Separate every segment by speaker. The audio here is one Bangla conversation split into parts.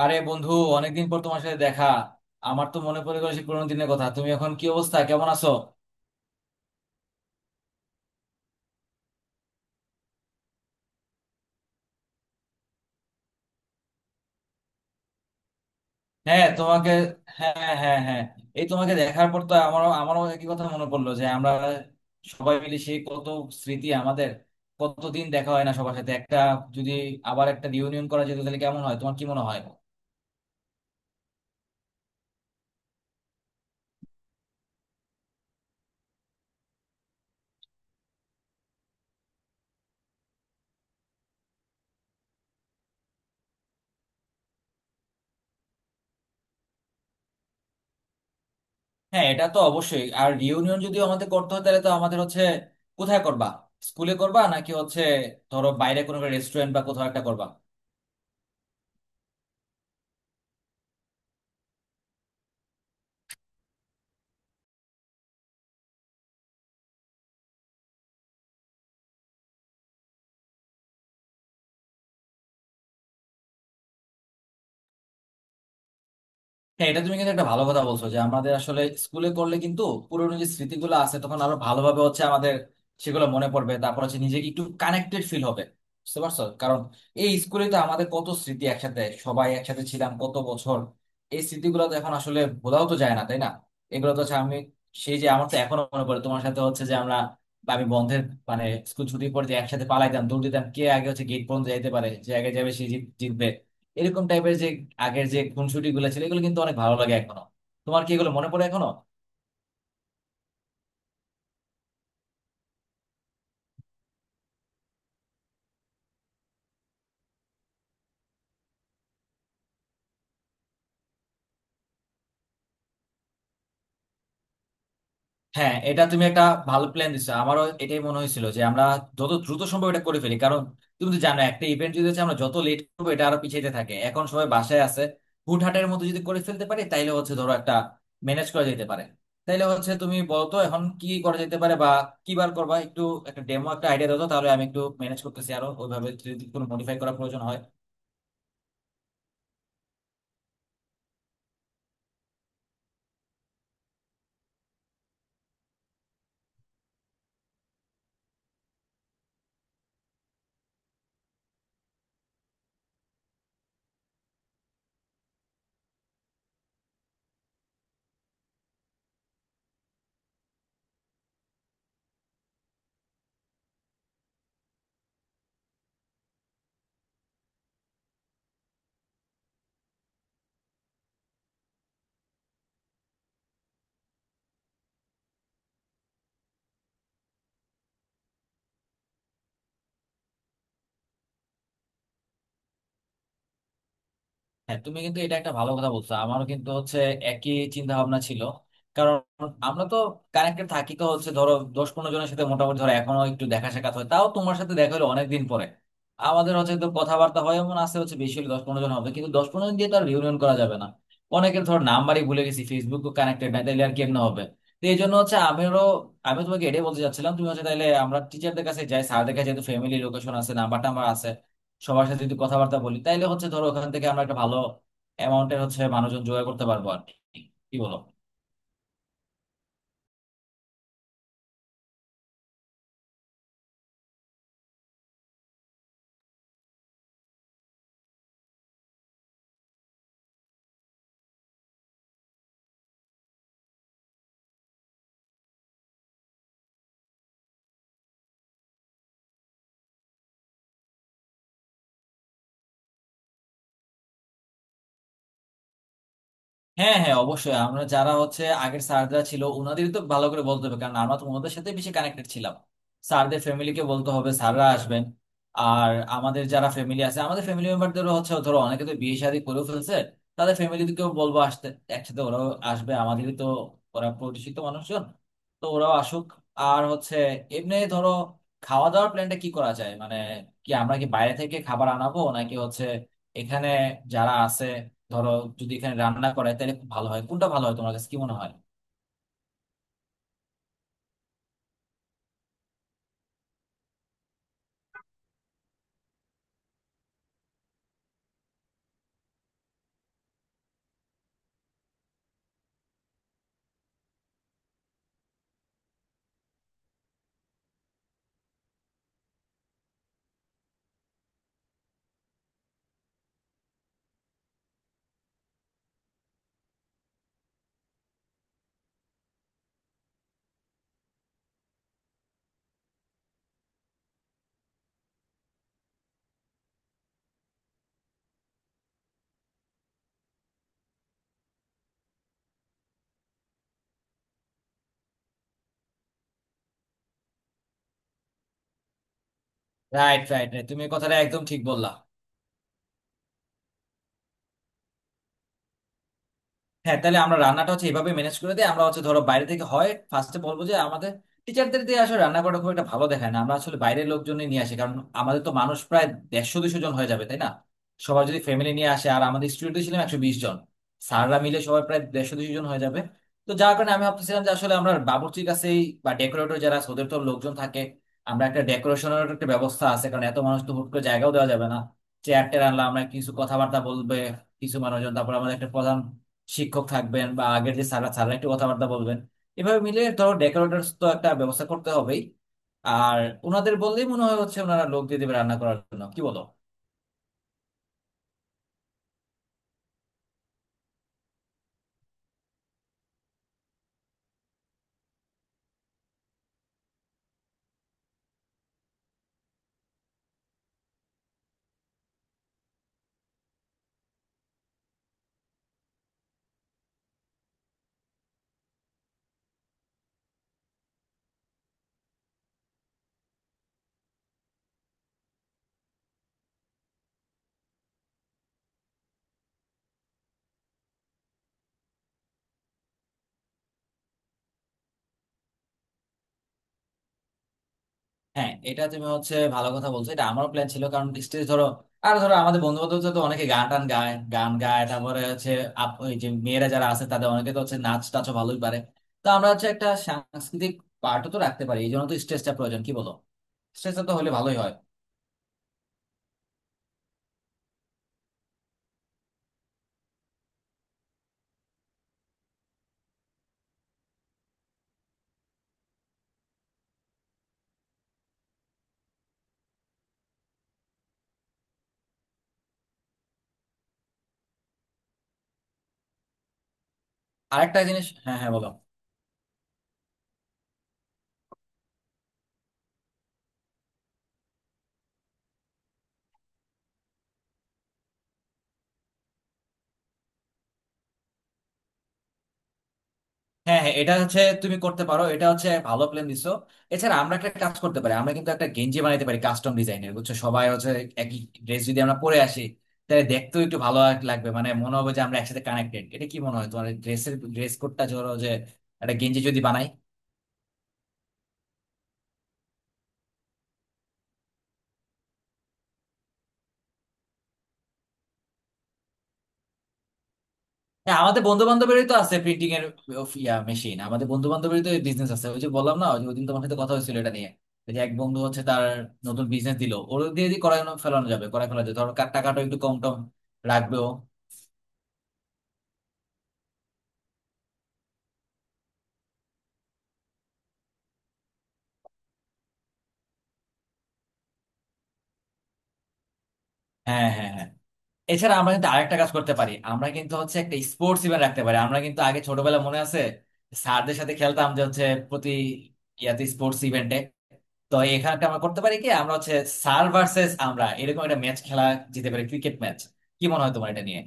Speaker 1: আরে বন্ধু, অনেকদিন পর তোমার সাথে দেখা। আমার তো মনে পড়ে গেল সেই পুরোনো দিনের কথা। তুমি এখন কি অবস্থা, কেমন আছো? হ্যাঁ তোমাকে, হ্যাঁ হ্যাঁ হ্যাঁ হ্যাঁ। এই তোমাকে দেখার পর তো আমারও আমারও একই কথা মনে পড়লো যে আমরা সবাই মিলে সেই কত স্মৃতি আমাদের, কতদিন দেখা হয় না সবার সাথে। একটা যদি আবার একটা রিউনিয়ন করা যেত তাহলে কেমন হয়, তোমার কি মনে হয়? হ্যাঁ এটা তো অবশ্যই। আর রিউনিয়ন যদি আমাদের করতে হয় তাহলে তো আমাদের হচ্ছে কোথায় করবা, স্কুলে করবা, নাকি হচ্ছে ধরো বাইরে কোনো রেস্টুরেন্ট বা কোথাও একটা করবা? হ্যাঁ এটা তুমি কিন্তু একটা ভালো কথা বলছো যে আমাদের আসলে স্কুলে করলে কিন্তু পুরোনো যে স্মৃতিগুলো আছে তখন আরো ভালোভাবে হচ্ছে আমাদের সেগুলো মনে পড়বে। তারপর হচ্ছে নিজেকে একটু কানেক্টেড ফিল হবে, বুঝতে পারছো? কারণ এই স্কুলে তো আমাদের কত স্মৃতি, একসাথে সবাই একসাথে ছিলাম কত বছর। এই স্মৃতিগুলো তো এখন আসলে ভোলাও তো যায় না, তাই না? এগুলো তো হচ্ছে, আমি সেই যে, আমার তো এখনো মনে পড়ে তোমার সাথে হচ্ছে যে আমরা, বা আমি বন্ধের মানে স্কুল ছুটির পর যে একসাথে পালাইতাম, দৌড় দিতাম, কে আগে হচ্ছে গেট পর্যন্ত যাইতে পারে, যে আগে যাবে সে জিতবে। এরকম টাইপের যে আগের যে খুনসুটি গুলো ছিল এগুলো কিন্তু অনেক ভালো লাগে এখনো। তোমার কি এগুলো মনে পড়ে এখনো? হ্যাঁ এটা তুমি একটা ভালো প্ল্যান দিচ্ছো। আমারও এটাই মনে হয়েছিল যে আমরা যত দ্রুত সম্ভব এটা করে ফেলি, কারণ তুমি তো জানো একটা ইভেন্ট যদি হচ্ছে আমরা যত লেট করবো এটা আরো পিছাইতে থাকে। এখন সবাই বাসায় আছে, হুটহাটের মতো যদি করে ফেলতে পারি তাইলে হচ্ছে ধরো একটা ম্যানেজ করা যেতে পারে। তাইলে হচ্ছে তুমি বলো তো এখন কি করা যেতে পারে, বা কি বার করবা একটু, একটা ডেমো একটা আইডিয়া দাও তো, তাহলে আমি একটু ম্যানেজ করতেছি। আরো ওইভাবে যদি কোনো মডিফাই করার প্রয়োজন হয়। হ্যাঁ তুমি কিন্তু এটা একটা ভালো কথা বলছো, আমারও কিন্তু হচ্ছে একই চিন্তা ভাবনা ছিল। কারণ আমরা তো কানেক্টেড থাকি তো হচ্ছে ধরো 10-15 জনের সাথে মোটামুটি, ধরো এখনো একটু দেখা সাক্ষাৎ হয়। তাও তোমার সাথে দেখা হলো অনেকদিন পরে। আমাদের হচ্ছে তো কথাবার্তা হয় এমন আছে হচ্ছে বেশি হলে 10-15 জন হবে, কিন্তু 10-15 জন দিয়ে তো আর রিউনিয়ন করা যাবে না। অনেকের ধর নাম্বারই ভুলে গেছি, ফেসবুক কানেক্টেড নাই, তাহলে আর কেমনে হবে? তো এই জন্য হচ্ছে আমিও, আমি তোমাকে এটাই বলতে চাচ্ছিলাম তুমি হচ্ছে, তাহলে আমরা টিচারদের কাছে যাই, স্যারদের কাছে, যেহেতু ফ্যামিলি লোকেশন আছে, নাম্বার টাম্বার আছে, সবার সাথে যদি কথাবার্তা বলি তাইলে হচ্ছে ধরো ওখান থেকে আমরা একটা ভালো অ্যামাউন্টের হচ্ছে মানুষজন জোগাড় করতে পারবো আর কি। কি বলো? হ্যাঁ হ্যাঁ অবশ্যই, আমরা যারা হচ্ছে আগের স্যাররা ছিল ওনাদেরই তো ভালো করে বলতে হবে, কারণ আমরা তো ওনাদের সাথে বেশি কানেক্টেড ছিলাম। স্যারদের ফ্যামিলিকে বলতে হবে, স্যাররা আসবেন। আর আমাদের যারা ফ্যামিলি আছে, আমাদের ফ্যামিলি মেম্বারদেরও হচ্ছে ধরো অনেকে তো বিয়ে শাদী করেও ফেলছে, তাদের ফ্যামিলিকেও বলবো আসতে, একসাথে ওরাও আসবে। আমাদেরই তো ওরা পরিচিত মানুষজন, তো ওরাও আসুক। আর হচ্ছে এমনি ধরো খাওয়া দাওয়ার প্ল্যানটা কি করা যায়, মানে কি আমরা কি বাইরে থেকে খাবার আনাবো, নাকি হচ্ছে এখানে যারা আছে, ধরো যদি এখানে রান্না করায় তাহলে খুব ভালো হয়। কোনটা ভালো হয়, তোমার কাছে কি মনে হয়? রাইট, রাইট, রাইট, তুমি এই কথাটা একদম ঠিক বললা। হ্যাঁ তাহলে আমরা রান্নাটা হচ্ছে এভাবে ম্যানেজ করে দিই। আমরা হচ্ছে ধরো বাইরে থেকে হয়, ফার্স্টে বলবো যে আমাদের টিচারদের দিয়ে আসলে রান্না করা খুব একটা ভালো দেখায় না, আমরা আসলে বাইরের লোকজন নিয়ে আসি। কারণ আমাদের তো মানুষ প্রায় 150-200 জন হয়ে যাবে, তাই না? সবাই যদি ফ্যামিলি নিয়ে আসে, আর আমাদের স্টুডেন্ট ছিলাম 120 জন, স্যাররা মিলে সবাই প্রায় 150-200 জন হয়ে যাবে। তো যার কারণে আমি ভাবতেছিলাম যে আসলে আমরা বাবুর্চির কাছেই, বা ডেকোরেটর যারা আছে, ওদের তো লোকজন থাকে। আমরা একটা ডেকোরেশনের একটা ব্যবস্থা আছে, কারণ এত মানুষ তো হুট করে জায়গাও দেওয়া যাবে না। চেয়ার টেয়ার আনলাম, আমরা কিছু কথাবার্তা বলবে কিছু মানুষজন, তারপর আমাদের একটা প্রধান শিক্ষক থাকবেন, বা আগের যে স্যাররা স্যাররা একটু কথাবার্তা বলবেন। এভাবে মিলে ধরো ডেকোরেটরস তো একটা ব্যবস্থা করতে হবেই। আর ওনাদের বললেই মনে হয় হচ্ছে ওনারা লোক দিয়ে দেবে রান্না করার জন্য। কি বলো? হ্যাঁ এটা তুমি হচ্ছে ভালো কথা বলছো, এটা আমারও প্ল্যান ছিল। কারণ স্টেজ ধরো, আর ধরো আমাদের বন্ধু বান্ধব তো অনেকে গান টান গায়, গান গায়, তারপরে হচ্ছে ওই যে মেয়েরা যারা আছে তাদের অনেকে তো হচ্ছে নাচ টাচও ভালোই পারে। তো আমরা হচ্ছে একটা সাংস্কৃতিক পার্টও তো রাখতে পারি, এই জন্য তো স্টেজটা প্রয়োজন। কি বলো? স্টেজটা তো হলে ভালোই হয়। আরেকটা জিনিস, হ্যাঁ হ্যাঁ বলো। হ্যাঁ হ্যাঁ এটা হচ্ছে তুমি করতে পারো, এটা হচ্ছে ভালো প্ল্যান দিছো। এছাড়া আমরা একটা কাজ করতে পারি, আমরা কিন্তু একটা গেঞ্জি বানাইতে পারি কাস্টম ডিজাইনের, বুঝছো? সবাই হচ্ছে একই ড্রেস যদি আমরা পরে আসি তাহলে দেখতেও একটু ভালো লাগবে, মানে মনে হবে যে আমরা একসাথে কানেক্টেড। এটা কি মনে হয় তোমার, ড্রেসের ড্রেস কোডটা ধরো যে একটা গেঞ্জি যদি বানাই? হ্যাঁ আমাদের বন্ধু বান্ধবেরই তো আছে প্রিন্টিং এর of ইয়া মেশিন, আমাদের বন্ধু বান্ধবেরই তো বিজনেস আছে। ওই যে বললাম না, ওই যে ওদিন তোমার সাথে কথা হয়েছিল এটা নিয়ে, ওই যে এক বন্ধু হচ্ছে তার নতুন বিজনেস দিল, ওর দিয়ে দিয়ে করানো ফেলানো যাবে, করায় ফেলা যাবে, ধরো টাকাটা একটু কম টম রাখবেও। হ্যাঁ হ্যাঁ হ্যাঁ, এছাড়া আমরা কিন্তু আরেকটা কাজ করতে পারি, আমরা কিন্তু হচ্ছে একটা স্পোর্টস ইভেন্ট রাখতে পারি। আমরা কিন্তু আগে ছোটবেলা মনে আছে স্যারদের সাথে খেলতাম, যে হচ্ছে প্রতি ইয়াতে স্পোর্টস ইভেন্টে। তো এখানে একটা আমরা করতে পারি কি, আমরা হচ্ছে স্যার ভার্সেস আমরা এরকম একটা ম্যাচ খেলা যেতে পারি, ক্রিকেট ম্যাচ। কি মনে হয় তোমার এটা নিয়ে?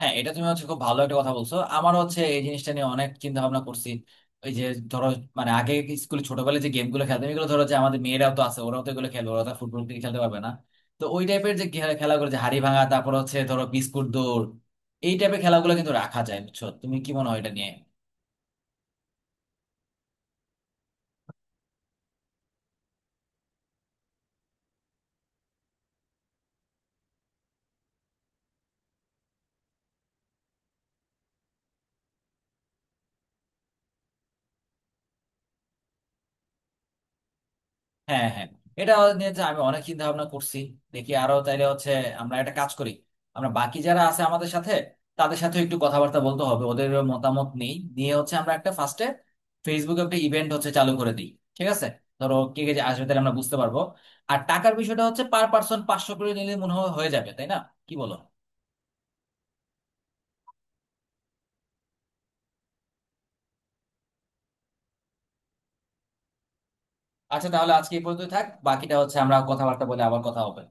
Speaker 1: হ্যাঁ এটা তুমি হচ্ছে খুব ভালো একটা কথা বলছো, আমার হচ্ছে এই জিনিসটা নিয়ে অনেক চিন্তা ভাবনা করছি। ওই যে ধরো মানে আগে স্কুলে ছোটবেলায় যে গেম গুলো খেলতাম এগুলো, ধরো যে আমাদের মেয়েরাও তো আছে, ওরাও তো এগুলো খেলবে, ওরা তো ফুটবল থেকে খেলতে পারবে না। তো ওই টাইপের যে খেলাগুলো, যে হাড়ি ভাঙা, তারপর হচ্ছে ধরো বিস্কুট দৌড়, এই টাইপের খেলাগুলো কিন্তু রাখা যায়, বুঝছো? তুমি কি মনে হয় এটা নিয়ে? হ্যাঁ হ্যাঁ, এটা নিয়ে যে আমি অনেক চিন্তা ভাবনা করছি। দেখি আরো, তাইলে হচ্ছে আমরা একটা কাজ করি, আমরা বাকি যারা আছে আমাদের সাথে তাদের সাথে একটু কথাবার্তা বলতে হবে, ওদের মতামত নেই নিয়ে হচ্ছে আমরা একটা ফার্স্টে ফেসবুকে একটা ইভেন্ট হচ্ছে চালু করে দিই, ঠিক আছে? ধরো কে কে যে আসবে তাহলে আমরা বুঝতে পারবো। আর টাকার বিষয়টা হচ্ছে পার পার্সন 500 করে নিলে মনে হয় হয়ে যাবে, তাই না? কি বলো? আচ্ছা তাহলে আজকে এই পর্যন্ত থাক, বাকিটা হচ্ছে আমরা কথাবার্তা বলে আবার কথা হবে।